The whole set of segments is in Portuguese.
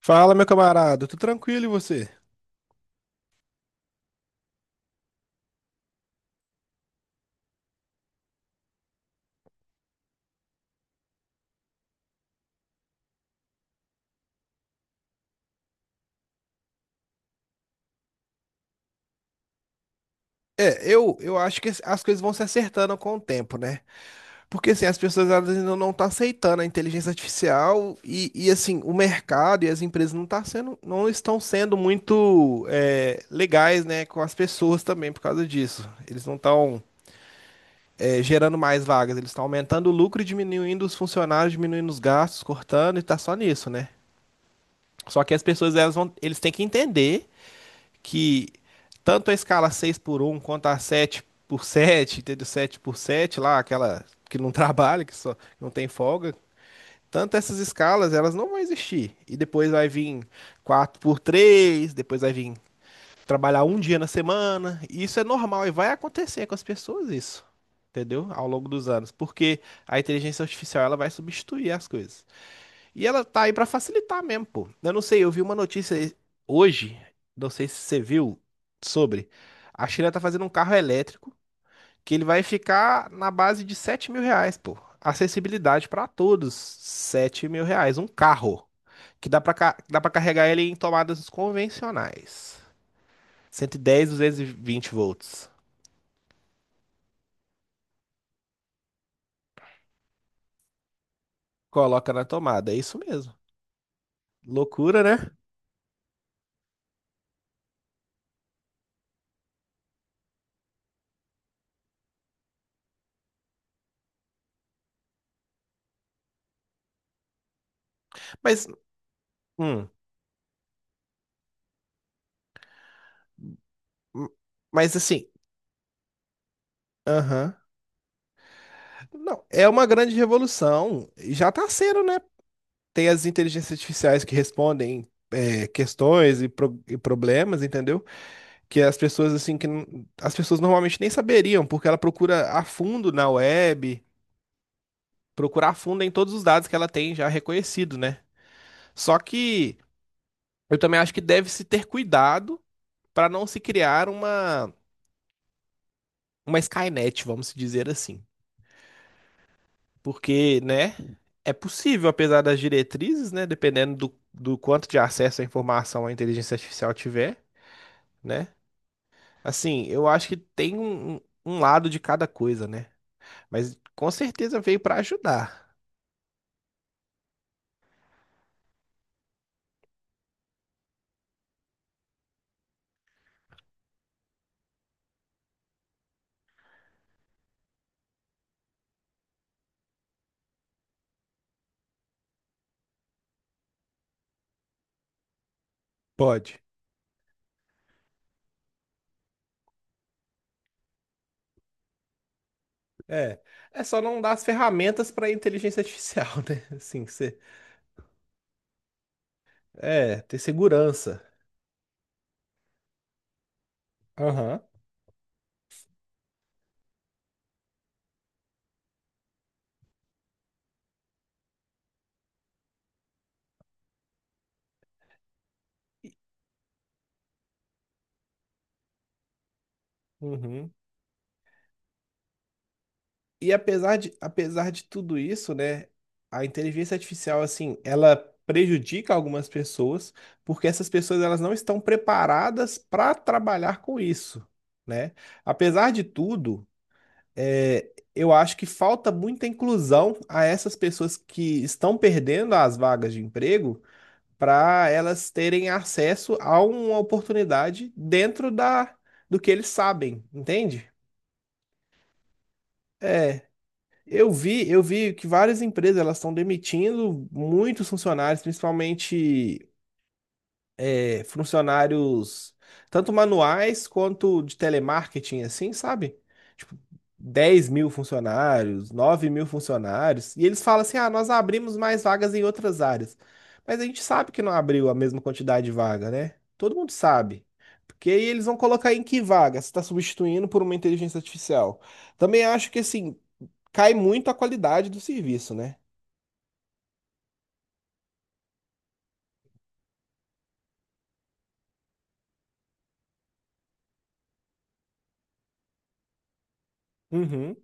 Fala, meu camarada, tô tranquilo e você? É, eu acho que as coisas vão se acertando com o tempo, né? Porque assim, as pessoas elas ainda não estão aceitando a inteligência artificial e assim, o mercado e as empresas não estão sendo muito legais, né, com as pessoas também por causa disso. Eles não estão gerando mais vagas, eles estão aumentando o lucro e diminuindo os funcionários, diminuindo os gastos, cortando e tá só nisso, né? Só que as pessoas elas vão, eles têm que entender que tanto a escala 6x1, quanto a 7x7, entendeu? 7x7, lá, aquela que não trabalha, que só não tem folga, tanto essas escalas, elas não vão existir. E depois vai vir 4x3. Depois vai vir trabalhar um dia na semana. E isso é normal e vai acontecer com as pessoas isso, entendeu? Ao longo dos anos, porque a inteligência artificial ela vai substituir as coisas. E ela tá aí pra facilitar mesmo, pô. Eu não sei, eu vi uma notícia hoje, não sei se você viu, sobre a China tá fazendo um carro elétrico que ele vai ficar na base de R$ 7.000, pô. Acessibilidade pra todos, R$ 7.000. Um carro que dá pra, dá pra carregar ele em tomadas convencionais. 110, 220 volts. Coloca na tomada, é isso mesmo. Loucura, né? Mas, hum, mas assim, aham. Não, é uma grande revolução. E já está sendo, né? Tem as inteligências artificiais que respondem questões e problemas, entendeu? Que as pessoas assim as pessoas normalmente nem saberiam, porque ela procura a fundo na web, procura a fundo em todos os dados que ela tem já reconhecido, né? Só que eu também acho que deve se ter cuidado para não se criar uma Skynet, vamos dizer assim. Porque, né, é possível, apesar das diretrizes, né, dependendo do quanto de acesso à informação a inteligência artificial tiver, né? Assim, eu acho que tem um lado de cada coisa, né? Mas com certeza veio para ajudar. Pode. É. É só não dar as ferramentas para inteligência artificial, né? Assim, que você, ter segurança. Aham. Uhum. E apesar de tudo isso, né, a inteligência artificial, assim, ela prejudica algumas pessoas, porque essas pessoas elas não estão preparadas para trabalhar com isso, né? Apesar de tudo, eu acho que falta muita inclusão a essas pessoas que estão perdendo as vagas de emprego para elas terem acesso a uma oportunidade dentro do que eles sabem, entende? É, Eu vi que várias empresas elas estão demitindo muitos funcionários, principalmente funcionários tanto manuais quanto de telemarketing, assim, sabe? Tipo, 10.000 funcionários, 9.000 funcionários. E eles falam assim: ah, nós abrimos mais vagas em outras áreas. Mas a gente sabe que não abriu a mesma quantidade de vaga, né? Todo mundo sabe. Porque aí eles vão colocar em que vaga? Se está substituindo por uma inteligência artificial. Também acho que assim cai muito a qualidade do serviço, né? Uhum.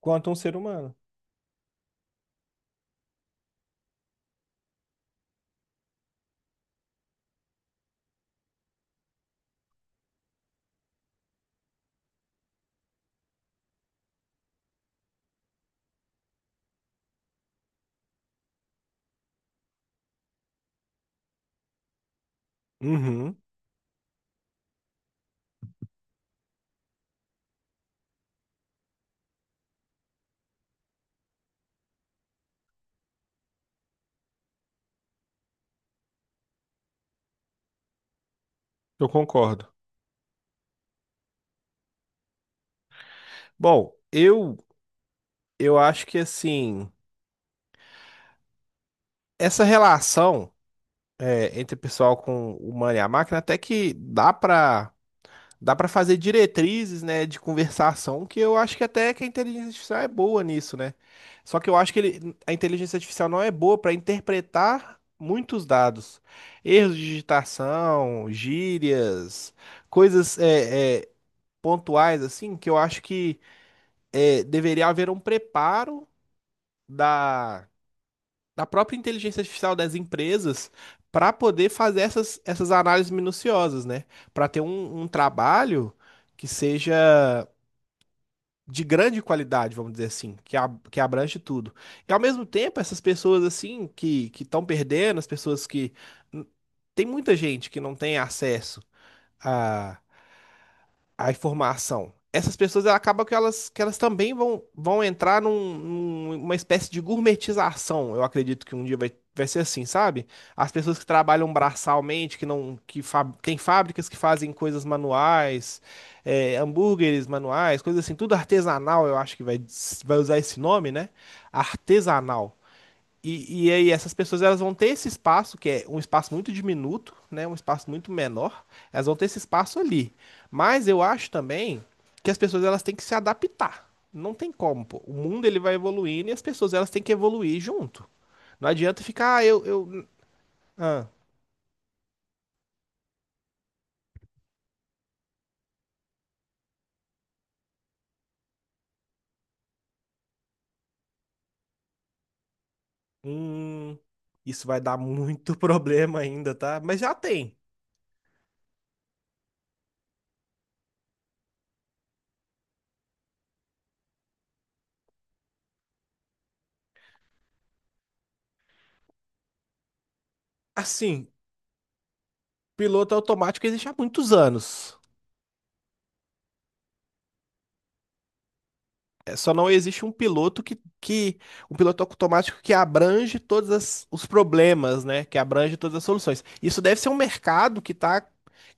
Quanto a um ser humano. Uhum, eu concordo. Bom, eu acho que assim, essa relação entre o pessoal com o humano e a máquina até que dá para fazer diretrizes, né, de conversação, que eu acho que até que a inteligência artificial é boa nisso, né? Só que eu acho que a inteligência artificial não é boa para interpretar muitos dados, erros de digitação, gírias, coisas pontuais, assim, que eu acho que deveria haver um preparo da, da própria inteligência artificial das empresas para poder fazer essas análises minuciosas, né? Para ter um trabalho que seja de grande qualidade, vamos dizer assim, que, que abrange tudo. E ao mesmo tempo, essas pessoas assim que estão perdendo, as pessoas que tem muita gente que não tem acesso a informação. Essas pessoas ela acaba que elas também vão entrar numa espécie de gourmetização. Eu acredito que um dia vai ser assim, sabe? As pessoas que trabalham braçalmente, que não, que tem fábricas que fazem coisas manuais, hambúrgueres manuais, coisas assim, tudo artesanal, eu acho que vai usar esse nome, né? Artesanal. E aí essas pessoas elas vão ter esse espaço, que é um espaço muito diminuto, né? Um espaço muito menor. Elas vão ter esse espaço ali. Mas eu acho também que as pessoas elas têm que se adaptar. Não tem como, pô. O mundo ele vai evoluindo e as pessoas elas têm que evoluir junto. Não adianta ficar, ah, eu. Ah, hum, isso vai dar muito problema ainda, tá? Mas já tem. Assim, piloto automático existe há muitos anos. É, só não existe um piloto que um piloto automático que abrange todos os problemas, né? Que abrange todas as soluções. Isso deve ser um mercado que está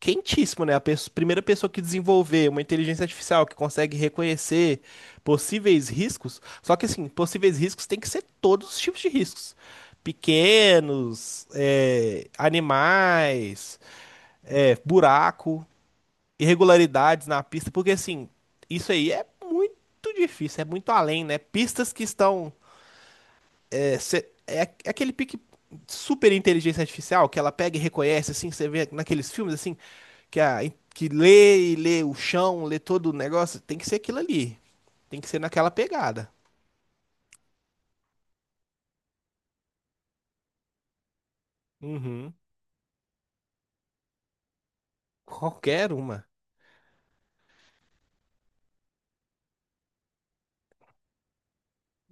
quentíssimo, né? A primeira pessoa que desenvolver uma inteligência artificial que consegue reconhecer possíveis riscos, só que assim, possíveis riscos tem que ser todos os tipos de riscos. Pequenos, animais, buraco, irregularidades na pista, porque assim, isso aí é muito difícil, é muito além, né? Pistas que estão. É, é aquele pique super inteligência artificial que ela pega e reconhece, assim, você vê naqueles filmes, assim, que, que lê e lê o chão, lê todo o negócio. Tem que ser aquilo ali. Tem que ser naquela pegada. Uhum. Qualquer uma.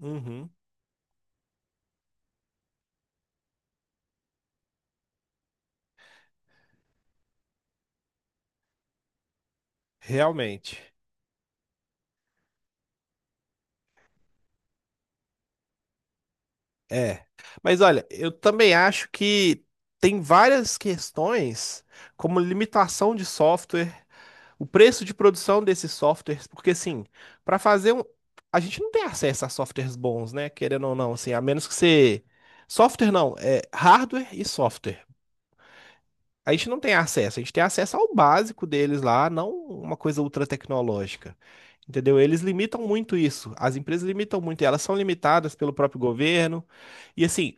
Uhum. Realmente. É. Mas olha, eu também acho que tem várias questões, como limitação de software, o preço de produção desses softwares, porque assim, para fazer um. A gente não tem acesso a softwares bons, né? Querendo ou não, assim, a menos que você. Software não, é hardware e software. A gente não tem acesso, a gente tem acesso ao básico deles lá, não uma coisa ultra tecnológica. Entendeu? Eles limitam muito isso. As empresas limitam muito, e elas são limitadas pelo próprio governo. E assim,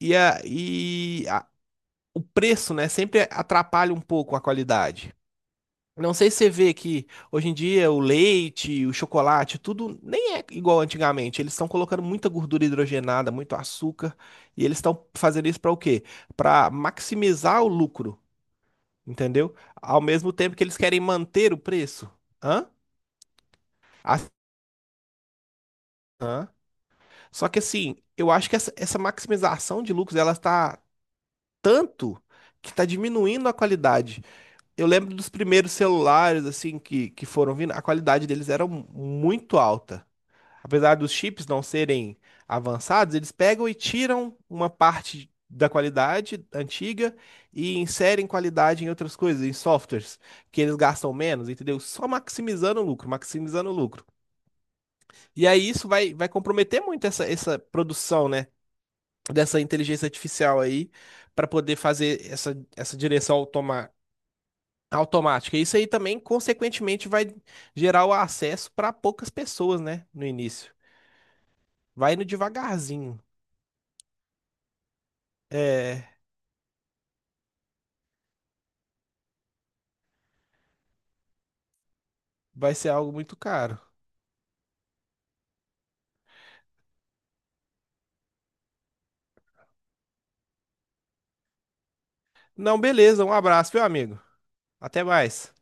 e, a, e a- o preço, né, sempre atrapalha um pouco a qualidade. Não sei se você vê que hoje em dia o leite, o chocolate, tudo nem é igual antigamente. Eles estão colocando muita gordura hidrogenada, muito açúcar, e eles estão fazendo isso para o quê? Para maximizar o lucro, entendeu? Ao mesmo tempo que eles querem manter o preço. Hã? A- Hã? Só que assim, eu acho que essa maximização de lucros, ela está tanto que está diminuindo a qualidade. Eu lembro dos primeiros celulares, assim, que foram vindo, a qualidade deles era muito alta. Apesar dos chips não serem avançados, eles pegam e tiram uma parte da qualidade antiga e inserem qualidade em outras coisas, em softwares, que eles gastam menos, entendeu? Só maximizando o lucro, maximizando o lucro. E aí isso vai comprometer muito essa produção, né? Dessa inteligência artificial aí, para poder fazer essa direção automa automática. Isso aí também, consequentemente, vai gerar o acesso para poucas pessoas, né? No início. Vai indo devagarzinho. É, vai ser algo muito caro. Não, beleza. Um abraço, meu amigo. Até mais.